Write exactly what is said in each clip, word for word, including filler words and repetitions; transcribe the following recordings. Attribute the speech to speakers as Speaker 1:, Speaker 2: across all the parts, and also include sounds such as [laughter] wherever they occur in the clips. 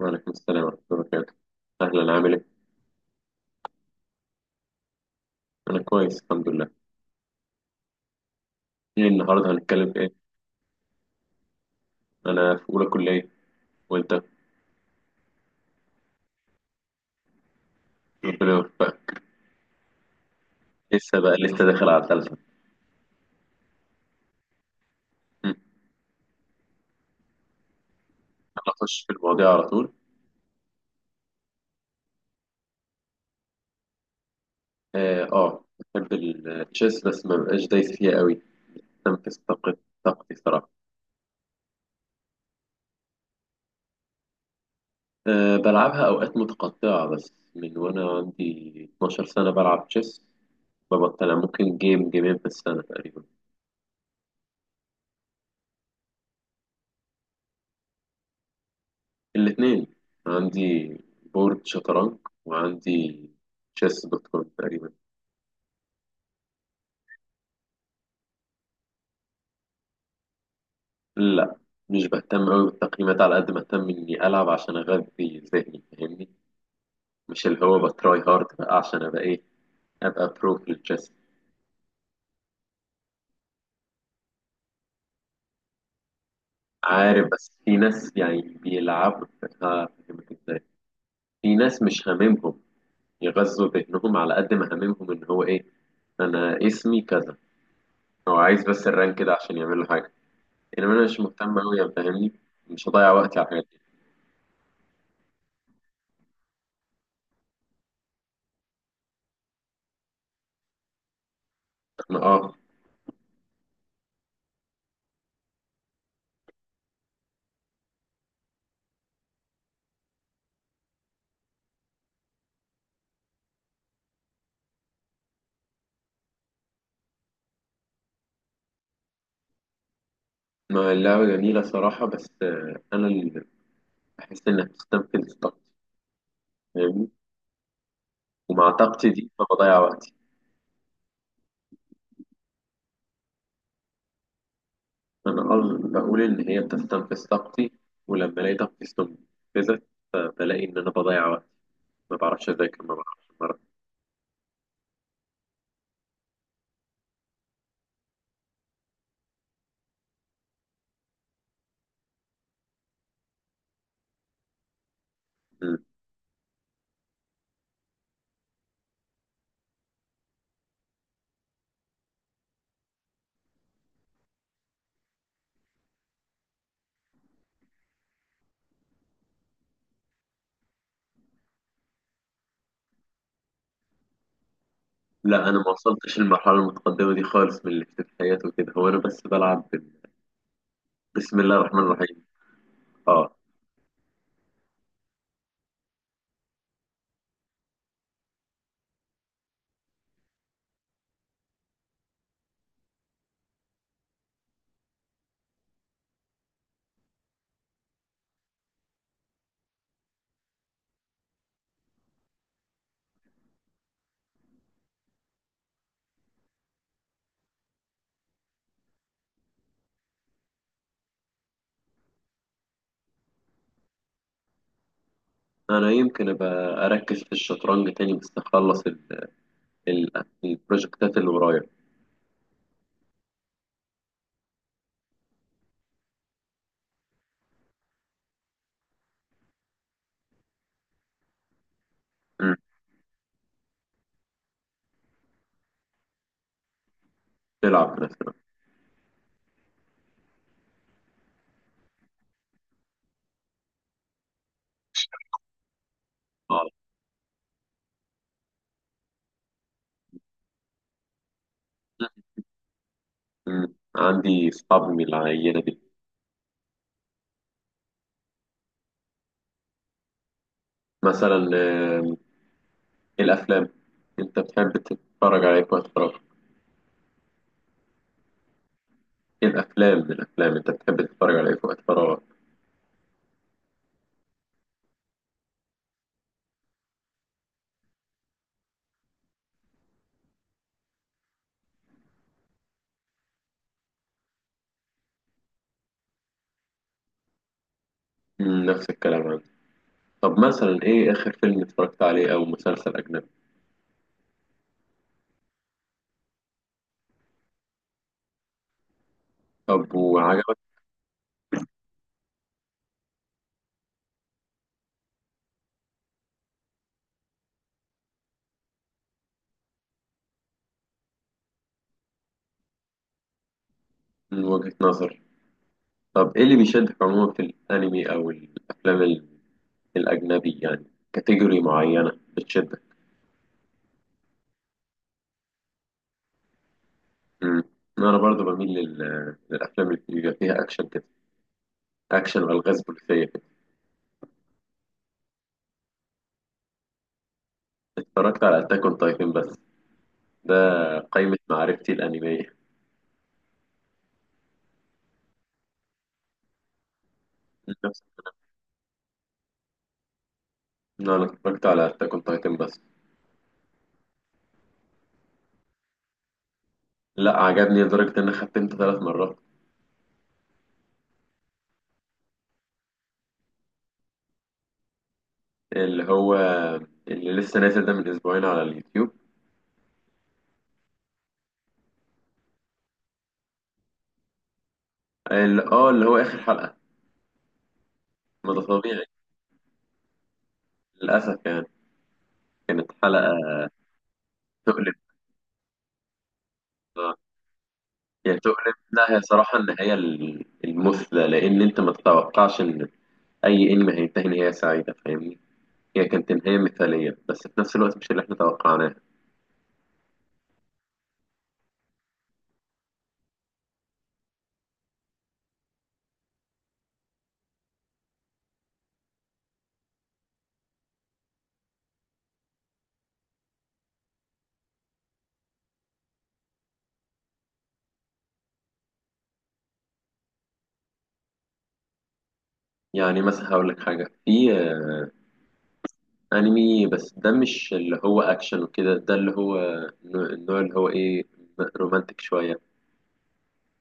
Speaker 1: وعليكم السلام ورحمة الله وبركاته. أهلا، عامل إيه؟ أنا كويس الحمد لله. إيه النهاردة هنتكلم في إيه؟ أنا في أولى كلية. وأنت؟ ربنا يوفقك. لسه بقى لسه داخل على الثالثة. مم. أنا أخش في المواضيع على طول. آه آه، بحب التشيس بس ما بقاش دايس فيها قوي. بستنفذ طاقت- طاقتي صراحة. أه بلعبها أوقات متقطعة بس من وأنا عندي 12 سنة بلعب تشيس. ببطل، ممكن جيم جيمين في السنة تقريبا. الاثنين. عندي بورد شطرنج، وعندي تشيس دوت كوم تقريبا. لا، مش بهتم قوي بالتقييمات على قد ما اهتم اني العب عشان اغذي ذهني، فاهمني؟ مش اللي هو بتراي هارد بقى عشان ابقى ايه، ابقى برو في التشيس. عارف، بس في ناس يعني بيلعبوا. هفهمك ازاي. في ناس مش هاممهم يغذوا ذهنهم على قد ما هاممهم ان هو ايه، انا اسمي كذا، هو عايز بس الرانك ده عشان يعمل له حاجه. يعني انا مش مهتم قوي، فاهمني؟ مش هضيع وقتي على الحاجات دي. ما اه. ما اللعبه جميله صراحه بس آه، انا اللي بحس انها بتستنفذ طاقتي، فاهمني؟ ومع طاقتي دي فبضيع وقتي. انا أظن- بقول ان هي بتستنفذ طاقتي، ولما الاقي طاقتي استنفذت بلاقي ان انا بضيع وقتي. ما بعرفش اذاكر، ما بعرفش مرة. لا، انا ما وصلتش للمرحله المتقدمه دي خالص من الافتتاحيات وكده. هو انا بس بلعب بال- بسم الله الرحمن الرحيم. اه، انا يمكن ابقى اركز في الشطرنج تاني بس اخلص ال- البروجكتات اللي ورايا. مم. تلعب مثلا. اه. مم. عندي اصحاب من العينه دي. مثلا آه، إيه الافلام؟ انت بتحب تتفرج على ايه في وقت فراغك؟ إيه الافلام؟ من الافلام انت بتحب تتفرج على ايه في وقت فراغك؟ مم، نفس الكلام عندي. طب مثلا ايه اخر فيلم اتفرجت عليه او مسلسل اجنبي؟ طب وعجبك؟ من وجهة نظر. طب ايه اللي بيشدك عموما في الانمي او الافلام ال- الاجنبي يعني؟ كاتيجوري معينة بتشدك؟ مم. انا برضو بميل لل... للافلام اللي بيبقى فيها اكشن كده، اكشن والغاز بوليسيه كده. اتفرجت على اتاك اون تايتن بس، ده قائمه معرفتي الانميه. [laughs] نفس- لا، انا اتفرجت على اتاك اون تايتن بس. لا، عجبني لدرجه ان انا ختمت ثلاث مرات. اللي هو اللي لسه نازل ده من اسبوعين على اليوتيوب؟ اللي اه اللي هو اخر حلقه؟ ما ده طبيعي للاسف يعني. كانت حلقه تؤلم، آه. يعني تؤلم، لا هي صراحه النهايه المثلى، لان انت ما تتوقعش ان اي انمي هينتهي نهايه سعيده فاهمني. هي كانت نهايه مثاليه بس في نفس الوقت مش اللي احنا توقعناه. يعني مثلا هقول لك حاجه في آه، انمي بس ده مش اللي هو اكشن وكده، ده اللي هو النوع النوع اللي هو ايه، رومانتك شويه،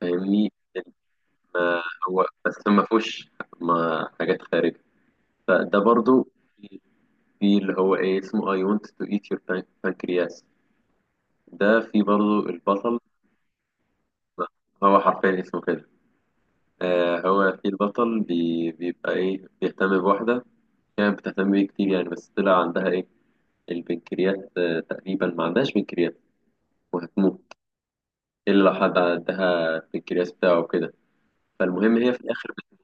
Speaker 1: فاهمني؟ ما هو بس ما فيهوش، ما حاجات خارجه، فده برضو في. في اللي هو ايه اسمه I want to eat your pan- pancreas. ده في برضو البطل. هو حرفيا اسمه كده. آه، هو في البطل بي بيبقى إيه، بيهتم بواحدة كانت بتهتم بيه كتير يعني، بس طلع عندها إيه، البنكرياس. آه تقريبا ما عندهاش بنكرياس وهتموت إلا لو حد عندها البنكرياس بتاعه وكده. فالمهم هي في الآخر بت-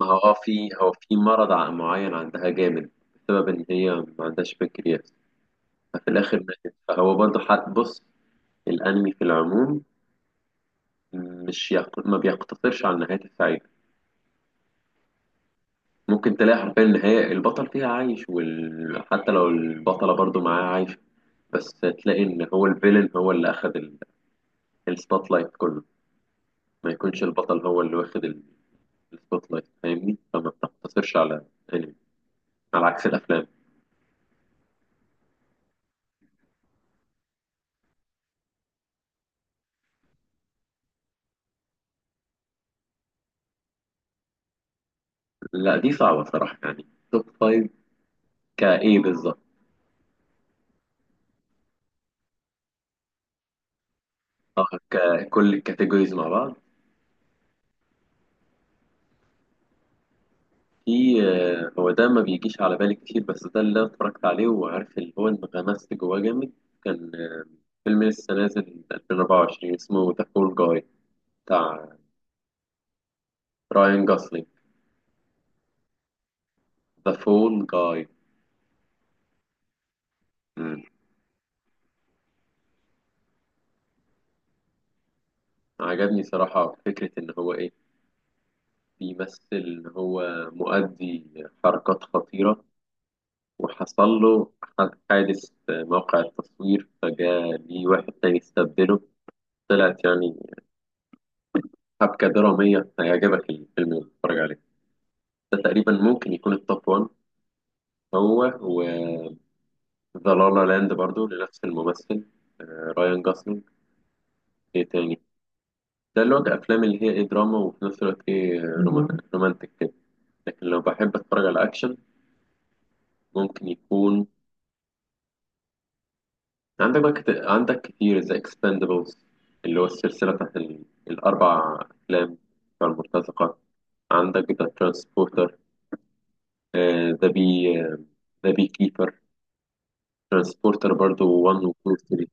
Speaker 1: ما هو آه في، هو في مرض ع- معين عندها جامد بسبب إن هي ما عندهاش بنكرياس، ففي الآخر ماتت. فهو برضه حد بص. الأنمي في العموم مش يق... ما بيقتصرش على النهايات السعيدة. ممكن تلاقي حرفيا النهاية البطل فيها عايش وال... حتى لو البطلة برضو معاه عايشة، بس تلاقي إن هو الفيلن هو اللي أخد ال... السبوت لايت كله، ما يكونش البطل هو اللي واخد ال- السبوت لايت، فاهمني؟ فما بتقتصرش على أنمي، على عكس الأفلام. لا دي صعبة صراحة يعني، توب فايف كإيه بالظبط؟ اه، ككل الكاتيجوريز مع بعض. في آه، هو ده ما بيجيش على بالي كتير بس ده اللي أنا اتفرجت عليه وعارف اللي هو انغمست جواه جامد. كان آه، فيلم لسه نازل 2024 اسمه ذا فول جاي، بتاع راين جوسلينج. ذا فول جاي. عجبني صراحة فكرة إن هو إيه، بيمثل إن هو مؤدي حركات خطيرة وحصل له حد- حادث في موقع التصوير فجاء ليه واحد تاني استبدله. طلعت يعني حبكة درامية، هيعجبك الفيلم اللي بتتفرج. ده تقريبا ممكن يكون التوب 1، هو و ذا لا لا لاند برضو لنفس الممثل، آه، رايان جوسلينج. ايه تاني؟ ده اللي هو الافلام اللي هي ايه، دراما وفي نفس الوقت ايه، روما- رومانتك كده. لكن لو بحب اتفرج على اكشن ممكن يكون عندك بقى كت... عندك كتير زي اكسباندبلز، اللي هو السلسله بتاعت ال... الاربع افلام بتاع المرتزقه. عندك ذا ترانسبورتر، ذا بي ذا بي كيبر، ترانسبورتر برضو 1 و 2 و 3.